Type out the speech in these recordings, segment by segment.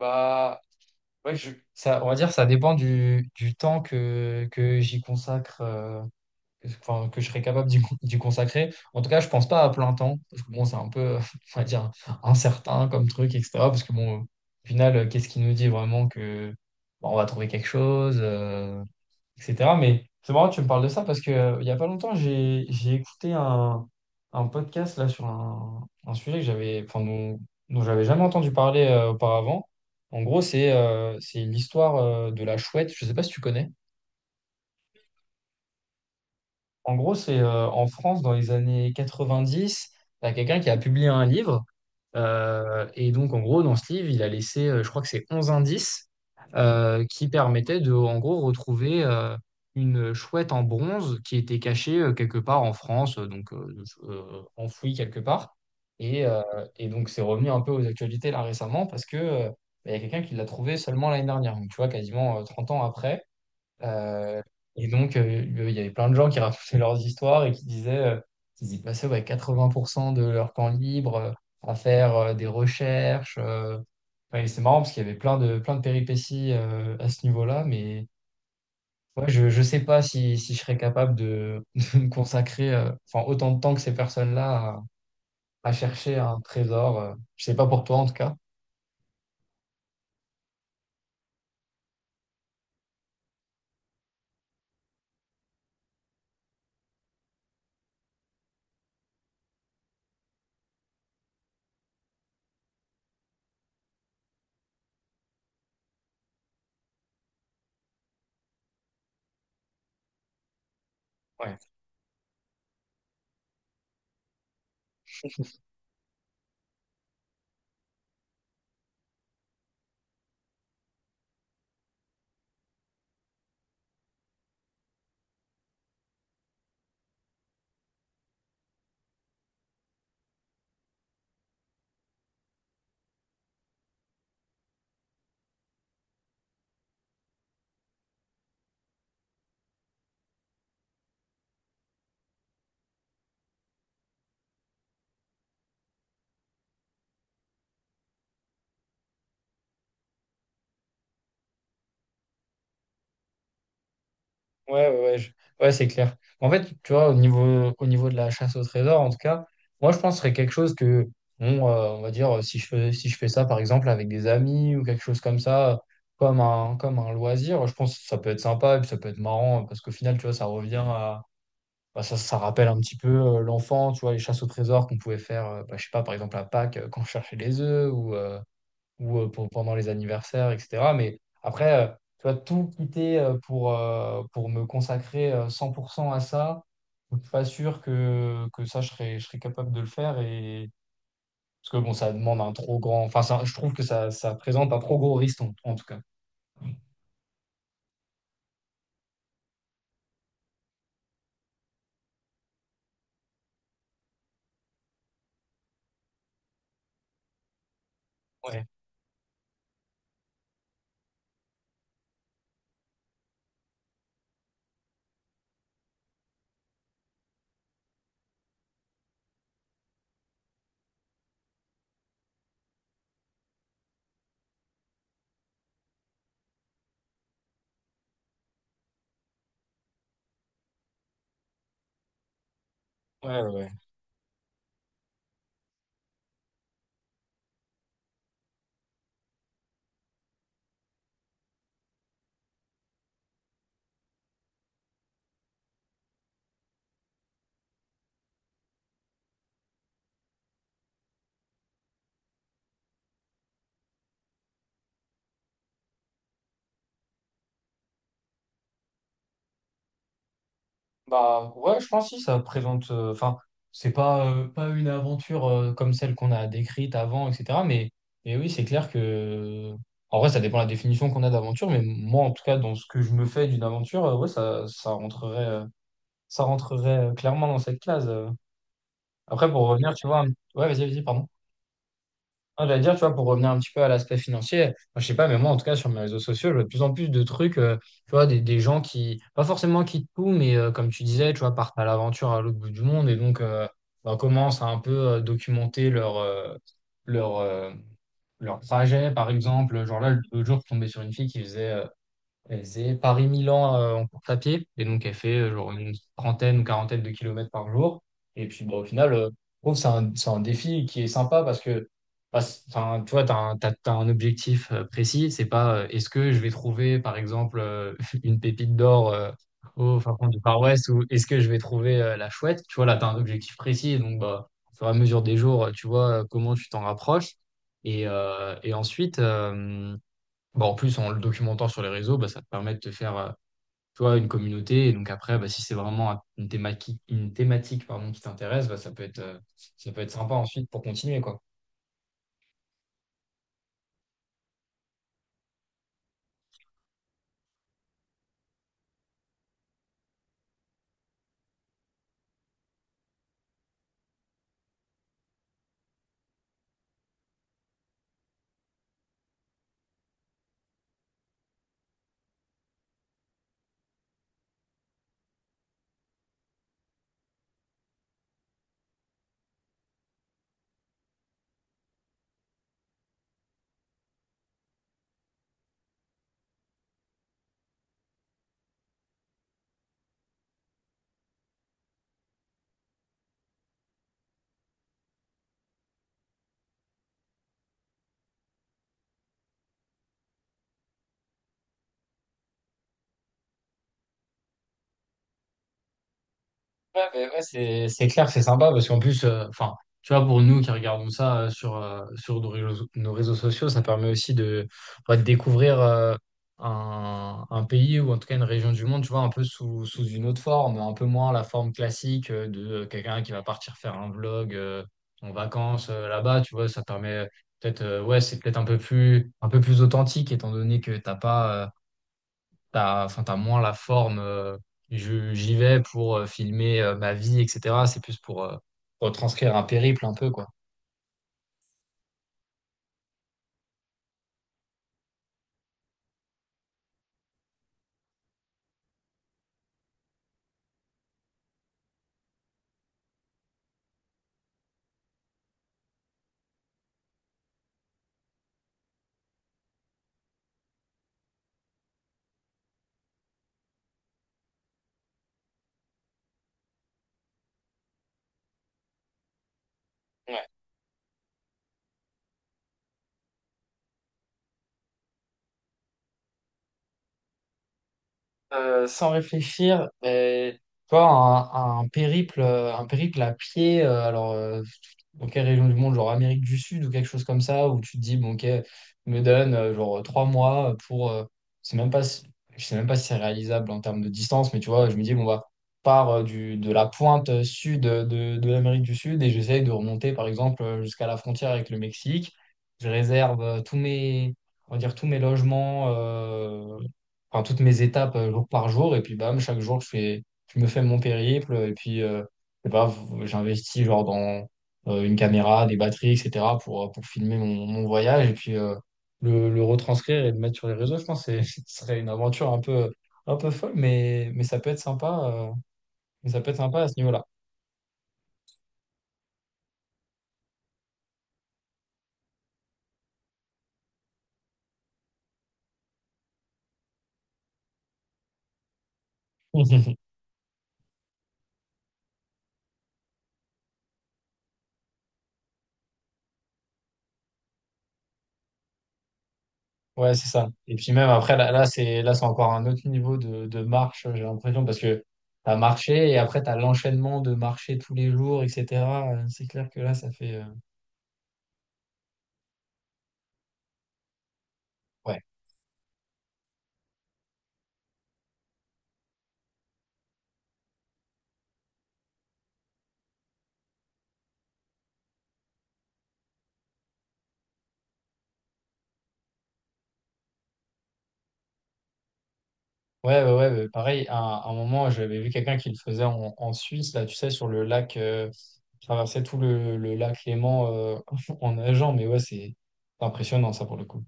Bah, ouais, on va dire ça dépend du temps que j'y consacre, enfin, que je serais capable d'y consacrer. En tout cas, je pense pas à plein temps, parce que bon, c'est un peu, on va dire, incertain comme truc, etc. Parce que bon, au final, qu'est-ce qui nous dit vraiment que bah, on va trouver quelque chose? Etc. Mais c'est marrant, que tu me parles de ça parce que il y a pas longtemps, j'ai écouté un podcast là sur un sujet que j'avais, enfin, dont j'avais jamais entendu parler auparavant. En gros, c'est l'histoire de la chouette. Je sais pas si tu connais. En gros, c'est en France dans les années 90, il y a quelqu'un qui a publié un livre. Et donc, en gros, dans ce livre, il a laissé, je crois que c'est 11 indices qui permettaient de, en gros, retrouver une chouette en bronze qui était cachée quelque part en France, donc enfouie quelque part. Et, euh, et donc, c'est revenu un peu aux actualités là récemment parce que bah, il y a quelqu'un qui l'a trouvée seulement l'année dernière, donc tu vois, quasiment 30 ans après. Euh, et donc, il y avait plein de gens qui racontaient leurs histoires et qui disaient qu'ils y passaient ouais, 80% de leur temps libre à faire des recherches. Ouais, et c'est marrant parce qu'il y avait plein de péripéties à ce niveau-là, mais ouais, je ne sais pas si je serais capable de me consacrer enfin, autant de temps que ces personnes-là à chercher un trésor. Je sais pas pour toi en tout cas. Ouais, ouais, ouais, ouais, c'est clair. En fait, tu vois, au niveau de la chasse au trésor, en tout cas, moi, je pense que ce serait quelque chose que, bon, on va dire, si je fais ça, par exemple, avec des amis ou quelque chose comme ça, comme un loisir, je pense que ça peut être sympa et puis ça peut être marrant parce qu'au final, tu vois, ça revient à. Bah, ça rappelle un petit peu l'enfant, tu vois, les chasses au trésor qu'on pouvait faire, bah, je sais pas, par exemple, à Pâques, quand on cherchait les œufs ou pendant les anniversaires, etc. Mais après, tu vois, tout quitter pour me consacrer 100% à ça, je suis pas sûr que ça, je serais capable de le faire. Parce que bon, ça demande un trop grand. Enfin, je trouve que ça présente un trop gros risque, en tout cas. Ouais, ouais, ouais. Bah ouais, je pense si ça présente. Enfin, c'est pas une aventure comme celle qu'on a décrite avant, etc. Mais oui, c'est clair que en vrai, ça dépend de la définition qu'on a d'aventure. Mais moi, en tout cas, dans ce que je me fais d'une aventure, ouais, ça rentrerait clairement dans cette case. Après, pour revenir, tu vois, ouais, vas-y, vas-y, pardon. Ah, j'allais dire, tu vois, pour revenir un petit peu à l'aspect financier, moi, je sais pas, mais moi, en tout cas, sur mes réseaux sociaux, je vois de plus en plus de trucs, tu vois, des gens qui, pas forcément quittent tout, mais comme tu disais, tu vois, partent à l'aventure à l'autre bout du monde et donc bah, commencent à un peu documenter leur, euh, leur trajet, par exemple. Genre là, l'autre jour, je suis tombé sur une fille qui faisait elle faisait Paris-Milan en course à pied. Et donc, elle fait genre une trentaine ou quarantaine de kilomètres par jour. Et puis, bon au final, je trouve que c'est un défi qui est sympa parce que, bah, enfin, tu vois, tu as, un t'as- t'as un objectif précis. C'est pas est-ce que je vais trouver, par exemple, une pépite d'or au fin fond du Far West ou est-ce que je vais trouver la chouette? Tu vois, là, tu as un objectif précis. Donc, bah, au fur et à mesure des jours, tu vois comment tu t'en rapproches. Et ensuite, bon, en plus, en le documentant sur les réseaux, bah, ça te permet de te faire, tu vois, une communauté. Et donc après, bah, si c'est vraiment une thématique, qui t'intéresse, bah, ça peut être sympa ensuite pour continuer, quoi. Ouais, mais ouais, c'est clair, c'est sympa parce qu'en plus, enfin, tu vois, pour nous qui regardons ça sur nos réseaux sociaux, ça permet aussi ouais, de découvrir un pays ou en tout cas une région du monde, tu vois, un peu sous une autre forme, un peu moins la forme classique de quelqu'un qui va partir faire un vlog en vacances là-bas, tu vois, ça permet peut-être, ouais, c'est peut-être un peu plus authentique étant donné que t'as pas. Enfin, t'as moins la forme. J'y vais pour filmer ma vie, etc. C'est plus pour retranscrire un périple un peu, quoi. Sans réfléchir, et, toi, un périple à pied, dans quelle région du monde, genre Amérique du Sud ou quelque chose comme ça, où tu te dis, bon, ok, me donne genre 3 mois pour, c'est même pas, je sais même pas si c'est réalisable en termes de distance, mais tu vois, je me dis, bon, bah, part de la pointe sud de l'Amérique du Sud et j'essaye de remonter, par exemple, jusqu'à la frontière avec le Mexique. Je réserve tous mes, on va dire, tous mes logements. Enfin, toutes mes étapes jour par jour. Et puis, bam, chaque jour, je me fais mon périple. Et puis, je sais pas, j'investis genre dans une caméra, des batteries, etc. pour filmer mon voyage et puis le retranscrire et le mettre sur les réseaux. Je pense que ce serait une aventure un peu folle, mais ça peut être sympa, mais ça peut être sympa à ce niveau-là. Ouais, c'est ça. Et puis même après, là, c'est encore un autre niveau de marche, j'ai l'impression, parce que t'as marché et après t'as l'enchaînement de marcher tous les jours, etc. C'est clair que là, ça fait. Ouais. Ouais, ouais, ouais, ouais, pareil, à un moment, j'avais vu quelqu'un qui le faisait en Suisse, là, tu sais, sur le lac, il traversait tout le lac Léman en nageant, mais ouais, c'est impressionnant, ça, pour le coup.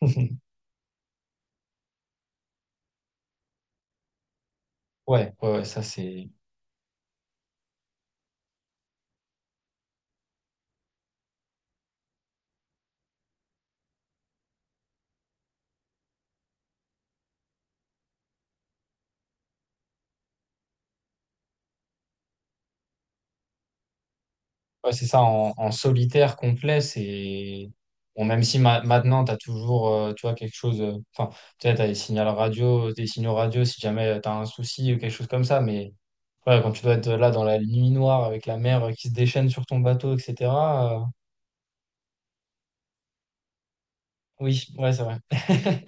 Ouais, ouais, ouais, ça, c'est. Ouais, c'est ça, en solitaire complet, c'est. Bon, même si maintenant, tu as toujours tu vois, quelque chose. Enfin, tu sais, tu as des signaux radio si jamais tu as un souci ou quelque chose comme ça. Mais ouais, quand tu dois être là dans la nuit noire avec la mer qui se déchaîne sur ton bateau, etc. euh, Oui, ouais, c'est vrai.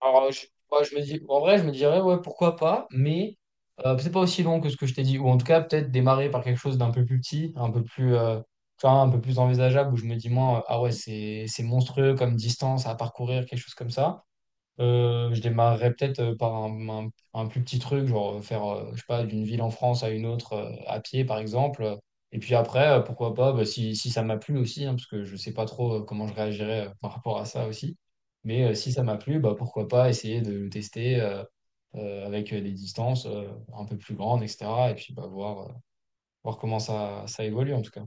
Alors, moi, je me dis, en vrai, je me dirais, ouais, pourquoi pas, mais peut-être pas aussi long que ce que je t'ai dit, ou en tout cas, peut-être démarrer par quelque chose d'un peu plus petit, un peu plus, tu vois, un peu plus envisageable, où je me dis, moi, ah ouais, c'est monstrueux comme distance à parcourir, quelque chose comme ça. Je démarrerais peut-être par un plus petit truc, genre faire, je sais pas, d'une ville en France à une autre à pied, par exemple. Et puis après, pourquoi pas, bah, si ça m'a plu aussi, hein, parce que je sais pas trop comment je réagirais par rapport à ça aussi. Mais si ça m'a plu, bah, pourquoi pas essayer de le tester avec des distances un peu plus grandes, etc. Et puis bah, voir comment ça évolue, en tout cas.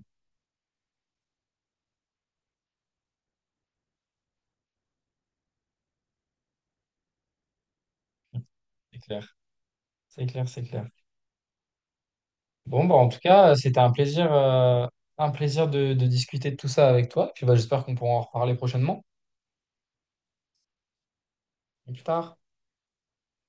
C'est clair, c'est clair, c'est clair. Bon, bah, en tout cas, c'était un plaisir de discuter de tout ça avec toi. Puis bah, j'espère qu'on pourra en reparler prochainement, plus tard.